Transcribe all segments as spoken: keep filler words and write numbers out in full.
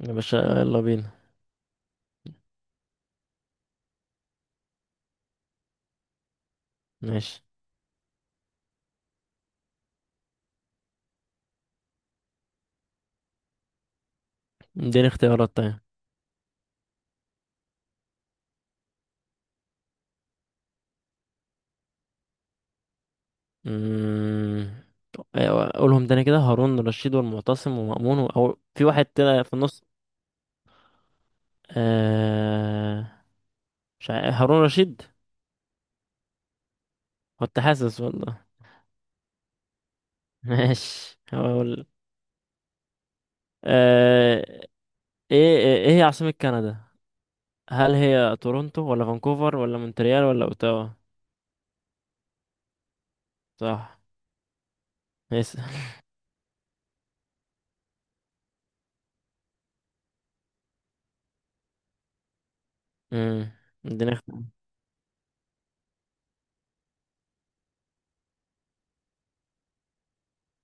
يا باشا يلا بينا. ماشي، اديني اختيارات طيب. مم. أيوة، قولهم تاني كده، هارون رشيد والمعتصم ومأمون و... أو في واحد كده في النص. آه... مش عارف. هارون رشيد. كنت حاسس والله. ماشي هقول. آه... ايه ايه إيه هي عاصمة كندا؟ هل هي تورونتو ولا فانكوفر ولا مونتريال ولا اوتاوا؟ صح، اسأل. مم. اديني اختيار.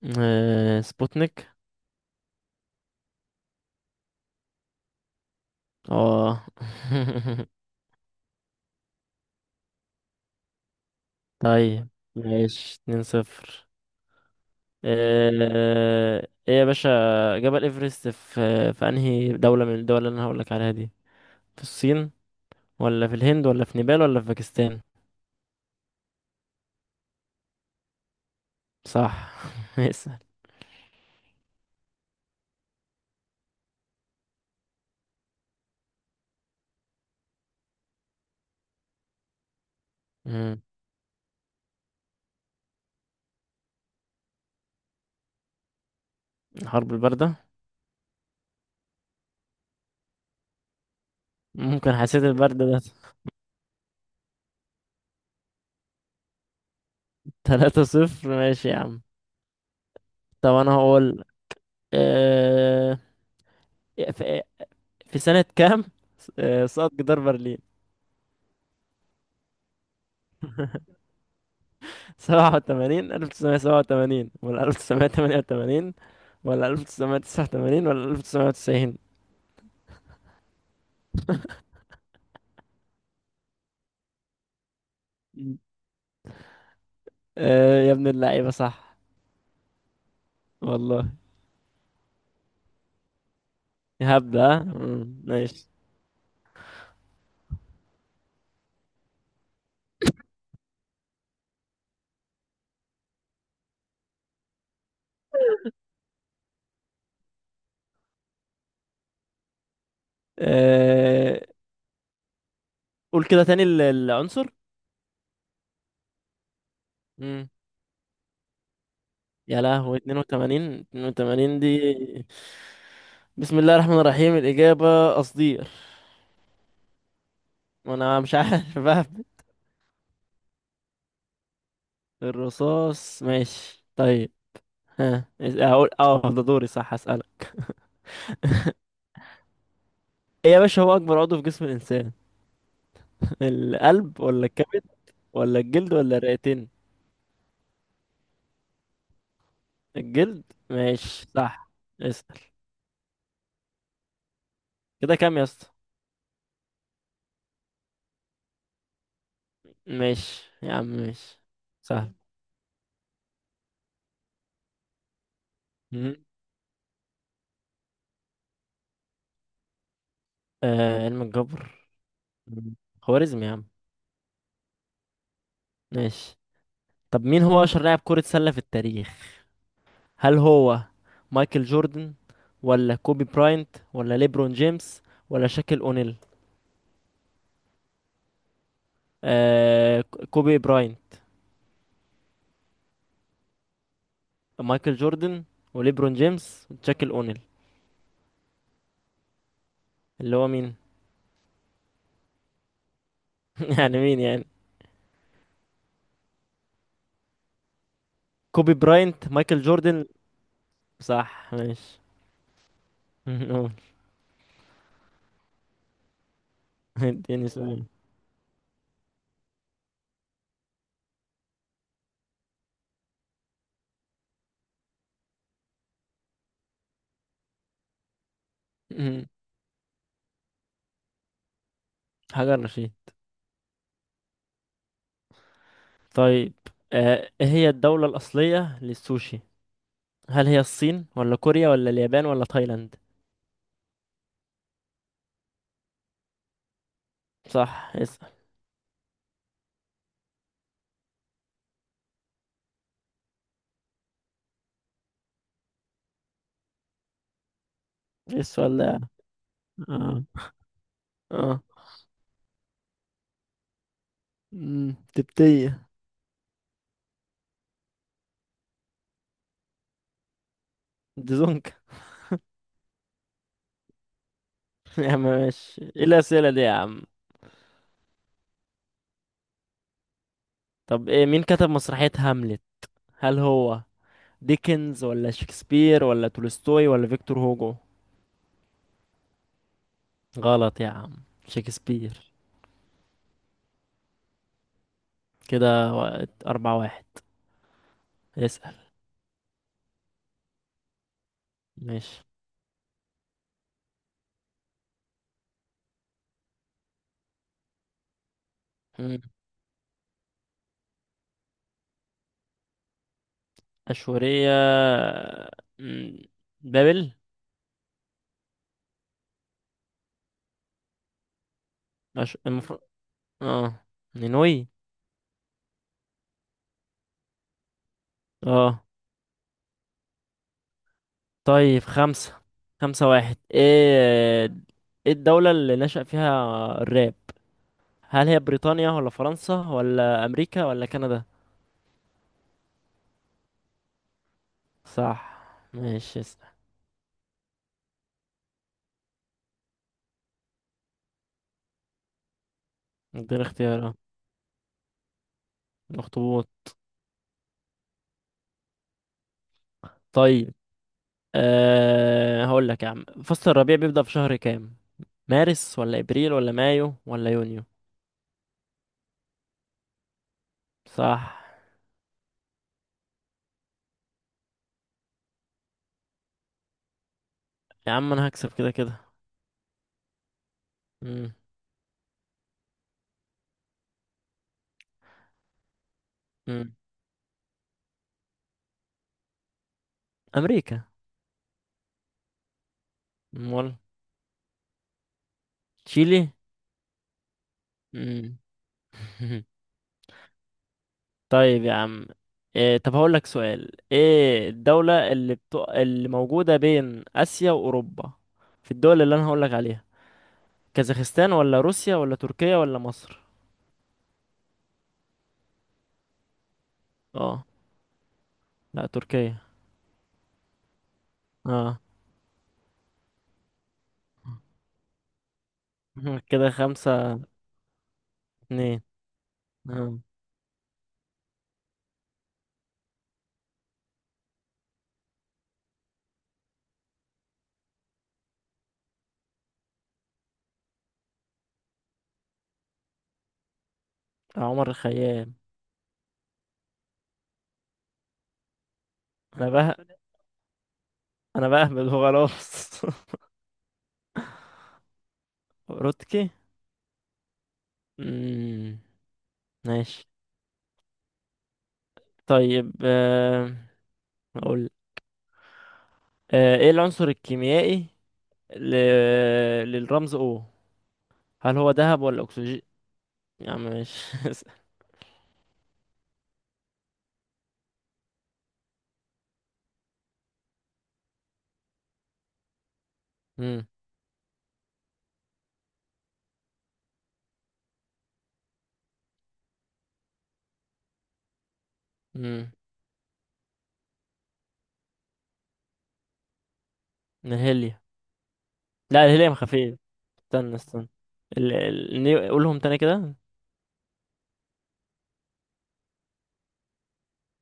آه... سبوتنيك. اه. طيب ماشي، اتنين صفر. آه، ايه يا باشا، جبل ايفرست في في انهي دولة من الدول اللي انا هقولك عليها دي؟ في الصين ولا في الهند ولا في نيبال ولا في باكستان؟ صح. اسأل. مم. الحرب الباردة. ممكن حسيت البرد ده. تلاتة صفر ماشي يا عم. طب انا هقول، آه، في في سنة كام آه، سقط جدار برلين؟ سبعة وتمانين، ألف تسعمية سبعة وتمانين ولا ألف تسعمية تمانية وتمانين ولا ألف تسعمية تسعة وتمانين ولا ألف تسعمية وتسعين؟ مم. آه يا ابن اللعيبة، صح. والله. هبدأ ها؟ مم، ماشي. آه، قول كده تاني ال- العنصر. مم. يا لهوي، اتنين وتمانين اتنين وتمانين دي. بسم الله الرحمن الرحيم، الإجابة قصدير. وأنا مش عارف بقى. الرصاص ماشي طيب. ها هقول، اه، ده دوري، صح، أسأل. إيه يا باشا، هو اكبر عضو في جسم الانسان؟ القلب ولا الكبد ولا الجلد ولا الرئتين؟ الجلد ماشي، صح. اسأل. كده كام يا اسطى؟ ماشي يا عم ماشي. سهل. مم. آه، علم الجبر. مم. خوارزمي يا عم. ماشي. طب مين هو اشهر لاعب كرة سلة في التاريخ؟ هل هو مايكل جوردن ولا كوبي براينت ولا ليبرون جيمس ولا شاكيل اونيل؟ آه، ك- كوبي براينت، مايكل جوردن، وليبرون جيمس، وشاكيل اونيل. اللي هو مين؟ يعني مين يعني؟ كوبي براينت، مايكل جوردن. صح ماشي. قول. اديني سؤال. مم. حجر رشيد. طيب، آه، ايه هي الدولة الأصلية للسوشي؟ هل هي الصين ولا كوريا ولا اليابان ولا تايلاند؟ صح، اسأل. ايه السؤال ده. اه اه. مم، تبتية. دزونك. يا عم ماشي، ايه الأسئلة دي يا عم. طب ايه، مين كتب مسرحية هاملت؟ هل هو ديكنز ولا شكسبير ولا تولستوي ولا فيكتور هوجو؟ غلط يا عم، شكسبير. كده و- أربعة واحد. اسأل. ماشي. مم. أشورية. مم. بابل. أش... المفروض، اه، نينوي. اه طيب، خمسة خمسة واحد، ايه. ايه الدولة اللي نشأ فيها الراب؟ هل هي بريطانيا ولا فرنسا ولا أمريكا ولا كندا؟ صح ماشي، اسأل. اديني اختيار، اه. اخطبوط. طيب. أه هقول لك يا عم، فصل الربيع بيبدأ في شهر كام؟ مارس ولا ابريل ولا مايو ولا يونيو؟ صح. يا عم انا هكسب كده كده. مم. مم. امريكا. امال؟ تشيلي. مم. طيب يا عم، إيه، طب هقول لك سؤال، ايه الدولة اللي بتو... اللي موجودة بين اسيا واوروبا، في الدول اللي انا هقول لك عليها؟ كازاخستان ولا روسيا ولا تركيا ولا مصر؟ اه لا، تركيا. اه. كده خمسة اتنين. آه. عمر الخيام. انا بقى، انا بهبد خلاص. روتكي. مم. ماشي. طيب، آه، اقول، آه، ايه العنصر الكيميائي ل... للرمز O؟ هل هو ذهب ولا اكسجين؟ يا عم ماشي. مم. مم. الهيليوم. لا، الهيليوم خفيف. استنى استنى. ال... ال... نيو- قولهم تاني كده.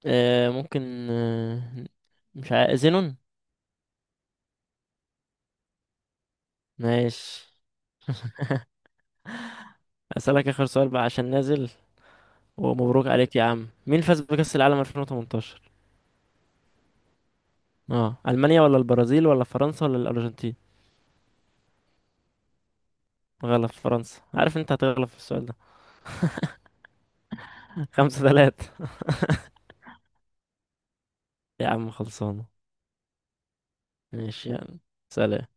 آه، ممكن آه، مش عارف. زينون. ماشي. اسالك اخر سؤال بقى عشان نازل، ومبروك عليك يا عم. مين فاز بكأس العالم ألفين وتمنتاشر؟ اه، المانيا ولا البرازيل ولا فرنسا ولا الارجنتين؟ غلط، فرنسا. عارف انت هتغلط في السؤال ده. خمسة ثلاثة. يا عم خلصانة. ماشي يعني. سلام.